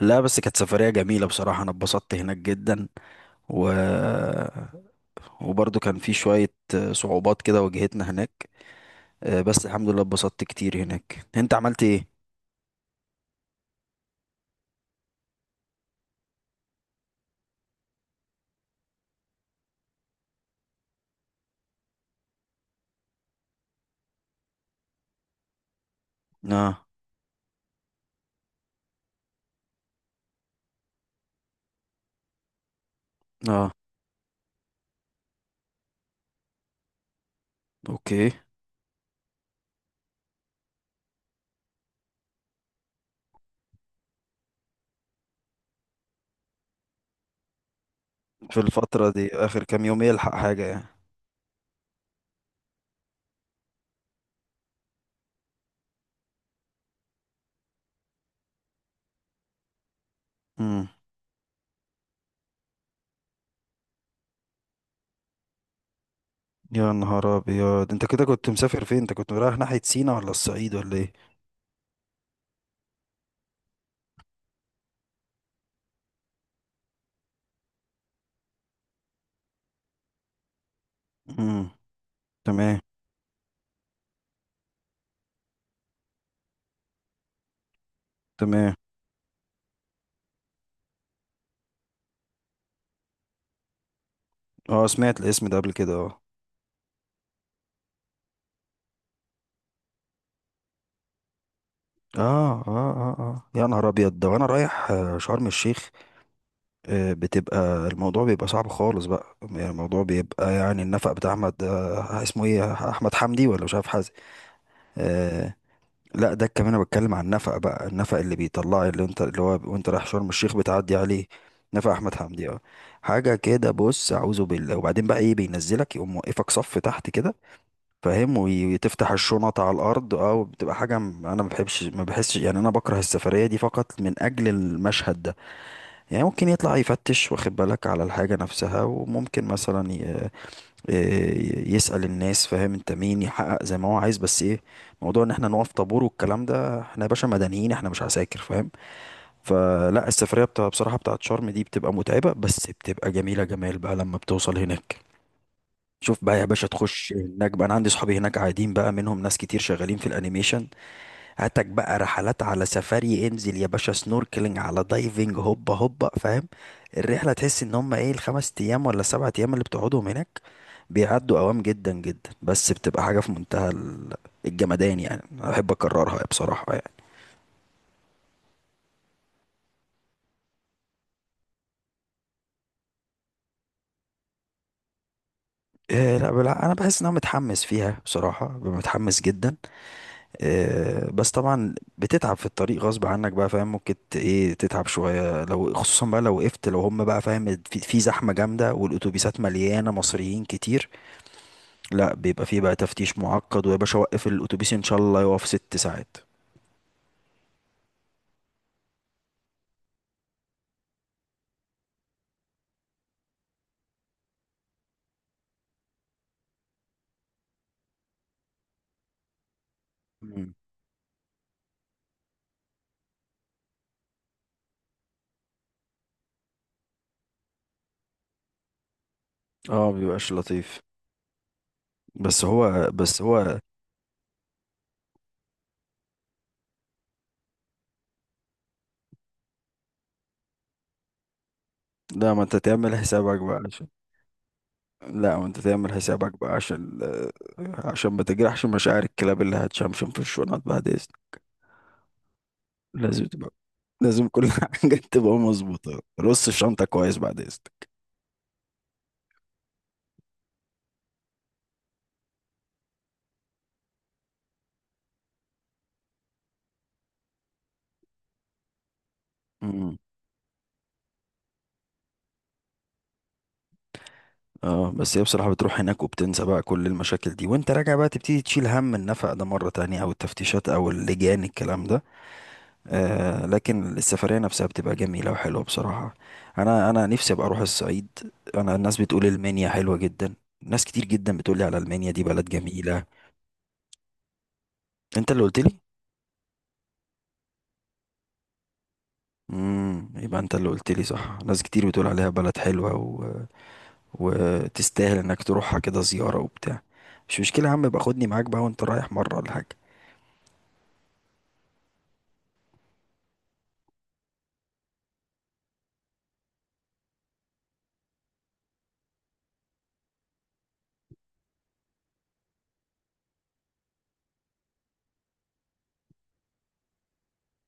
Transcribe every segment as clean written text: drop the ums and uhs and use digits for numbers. لا، بس كانت سفرية جميلة. بصراحة أنا اتبسطت هناك جدا. و... وبرضو كان في شوية صعوبات كده واجهتنا هناك. آه، بس الحمد لله اتبسطت كتير هناك. أنت عملت إيه؟ آه آه، أوكي. في الفترة دي آخر كام يوم يلحق حاجة يعني؟ مم. يا نهار أبيض، أنت كده كنت مسافر فين؟ أنت كنت رايح ناحية سينا ولا الصعيد ولا إيه؟ مم. تمام. تمام. أه، سمعت الاسم ده قبل كده، أه. آه آه آه آه، يا نهار أبيض، ده وأنا رايح شرم الشيخ. آه، بتبقى الموضوع بيبقى صعب خالص بقى. يعني الموضوع بيبقى، يعني النفق بتاع احمد اسمه ايه، احمد حمدي ولا مش عارف حازم. آه. لا، ده كمان انا بتكلم عن النفق بقى، النفق اللي بيطلع، اللي انت اللي هو وانت رايح شرم الشيخ بتعدي عليه. نفق احمد حمدي، اه. حاجه كده، بص، اعوذ بالله. وبعدين بقى ايه، بينزلك يقوم موقفك صف تحت كده، فاهم؟ وتفتح الشنط على الارض، اه. وبتبقى حاجه انا ما بحبش، ما بحسش يعني، انا بكره السفريه دي فقط من اجل المشهد ده. يعني ممكن يطلع يفتش واخد بالك على الحاجة نفسها، وممكن مثلا يسأل الناس فاهم انت مين، يحقق زي ما هو عايز. بس ايه، موضوع ان احنا نقف طابور والكلام ده، احنا يا باشا مدنيين، احنا مش عساكر فاهم. فلا، السفرية بصراحة بتاعت شرم دي بتبقى متعبة، بس بتبقى جميلة، جمال بقى لما بتوصل هناك. شوف بقى يا باشا، تخش هناك بقى، انا عندي صحابي هناك قاعدين بقى، منهم ناس كتير شغالين في الانيميشن. هاتك بقى رحلات على سفاري، انزل يا باشا سنوركلينج على دايفنج، هوبا هوبا فاهم. الرحلة تحس ان هم ايه، الخمس ايام ولا سبعة ايام اللي بتقعدهم هناك بيعدوا اوام جدا جدا، بس بتبقى حاجة في منتهى الجمدان يعني. انا بحب اكررها بصراحة يعني. إيه لا بلا، انا بحس ان انا متحمس فيها بصراحة، ببقى متحمس جدا. آه، بس طبعا بتتعب في الطريق غصب عنك بقى فاهم. ممكن ايه تتعب شوية، لو خصوصا بقى لو وقفت، لو هم بقى فاهم في زحمة جامدة والاتوبيسات مليانة مصريين كتير، لا بيبقى فيه بقى تفتيش معقد، ويا باشا، وقف الاتوبيس ان شاء الله يقف ست ساعات. مم. اه، مبيبقاش لطيف. بس هو. لا، ما انت تعمل حسابك بقى عشان، لا ما انت تعمل حسابك بقى عشان عشان ما تجرحش مشاعر الكلاب اللي هتشمشم في الشنط بعد. لازم تبقى، لازم كل حاجة تبقى مظبوطة، رص الشنطة كويس بعد إذنك. مم. اه، بس هي بصراحة بتروح هناك وبتنسى بقى كل المشاكل دي. وانت راجع بقى تبتدي تشيل هم النفق ده مرة تانية، او التفتيشات، او اللجان، الكلام ده. آه، لكن السفرية نفسها بتبقى جميلة وحلوة بصراحة. انا نفسي ابقى اروح الصعيد. انا الناس بتقول المنيا حلوة جدا. ناس كتير جدا بتقول لي على المنيا دي بلد جميلة. انت اللي قلت لي. امم، يبقى انت اللي قلت لي، صح. ناس كتير بتقول عليها بلد حلوة، وتستاهل انك تروحها كده زيارة وبتاع. مش مشكلة يا عم، يبقى خدني معاك بقى وانت رايح مرة ولا حاجة.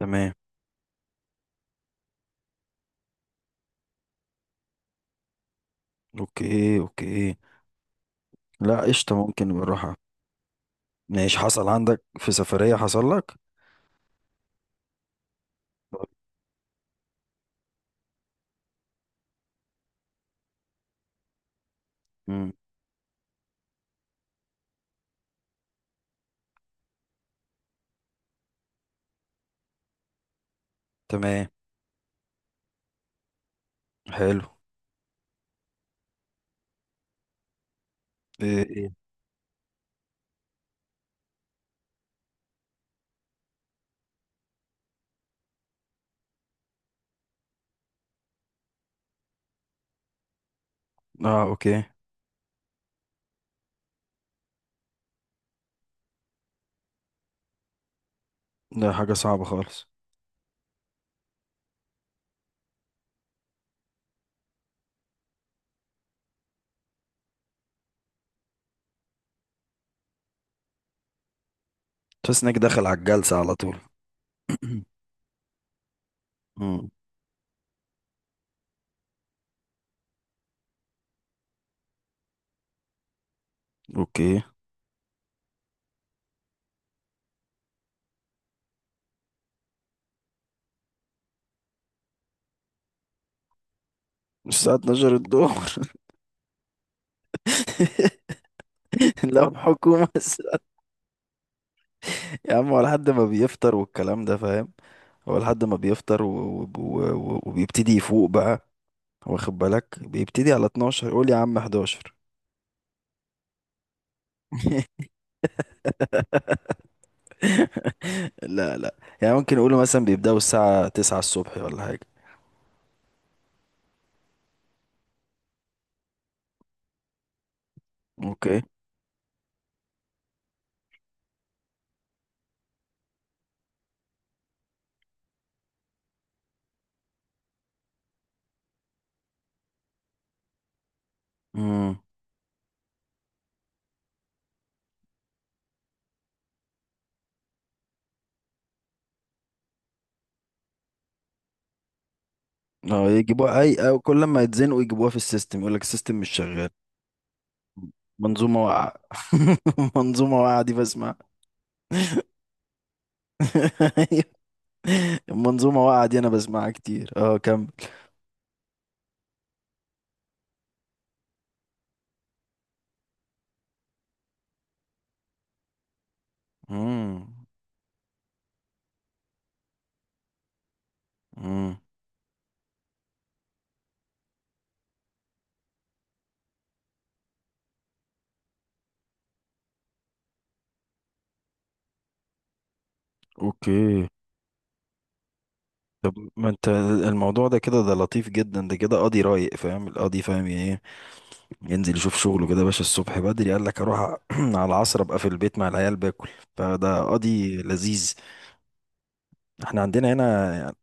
تمام. اوكي، اوكي. لا، قشطة، ممكن نروحها. ماشي، حصل عندك في سفرية حصل لك؟ طيب. مم. تمام. حلو. ايه، ايه. اه، اوكي. ده حاجة صعبة خالص. تحس انك داخل على الجلسة على طول. مم. اوكي. الساعة 12 الظهر؟ لو حكومة يا عم هو لحد ما بيفطر والكلام ده فاهم. هو لحد ما بيفطر وبيبتدي يفوق بقى. واخد بالك بيبتدي على 12، قول يا عم 11. لا لا. يعني ممكن يقولوا مثلا بيبدأوا الساعة 9 الصبح ولا حاجة. اوكي. امم. اه، يجيبوها اي، او كل ما يتزنقوا يجيبوها في السيستم، يقول لك السيستم مش شغال. منظومة واقعة. منظومة واقعة دي بسمع. المنظومة واقعة دي انا بسمعها كتير. اه، كمل. امم. اوكي. ما انت الموضوع ده كده، ده لطيف جدا. ده كده قاضي رايق فاهم. القاضي فاهم يعني ايه، ينزل يشوف شغله كده يا باشا الصبح بدري، قال لك اروح على العصر ابقى في البيت مع العيال باكل. فده قاضي لذيذ. احنا عندنا هنا يعني.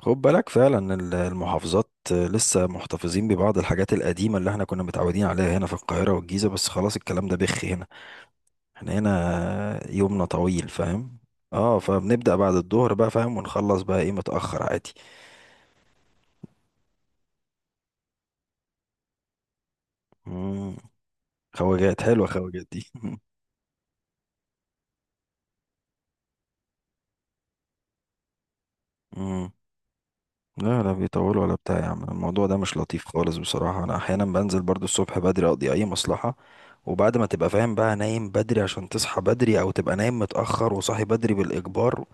خد بالك فعلا المحافظات لسه محتفظين ببعض الحاجات القديمة اللي احنا كنا متعودين عليها هنا في القاهرة والجيزة، بس خلاص الكلام ده بخ هنا. احنا هنا يومنا طويل فاهم. اه، فبنبدأ بعد الظهر بقى فاهم، ونخلص بقى ايه متأخر عادي. مم. خواجات حلوة، خواجات دي مم. لا لا، بيطولوا ولا بتاع يا عم، الموضوع ده مش لطيف خالص بصراحة. أنا أحيانا بنزل برضو الصبح بدري أقضي أي مصلحة. وبعد ما تبقى فاهم بقى نايم بدري عشان تصحى بدري، أو تبقى نايم متأخر وصاحي بدري بالإجبار،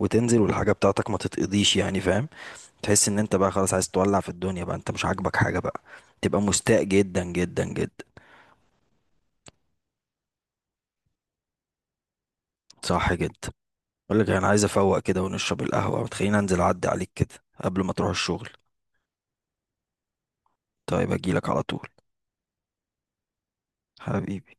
وتنزل والحاجة بتاعتك ما تتقضيش يعني فاهم. تحس إن أنت بقى خلاص عايز تولع في الدنيا بقى، أنت مش عاجبك حاجة بقى. تبقى مستاء جدا جدا جدا. صح جدا. أقول لك أنا عايز أفوق كده ونشرب القهوة، وتخليني أنزل أعدي عليك كده قبل ما تروح الشغل. طيب، أجيلك على طول. حبيبي.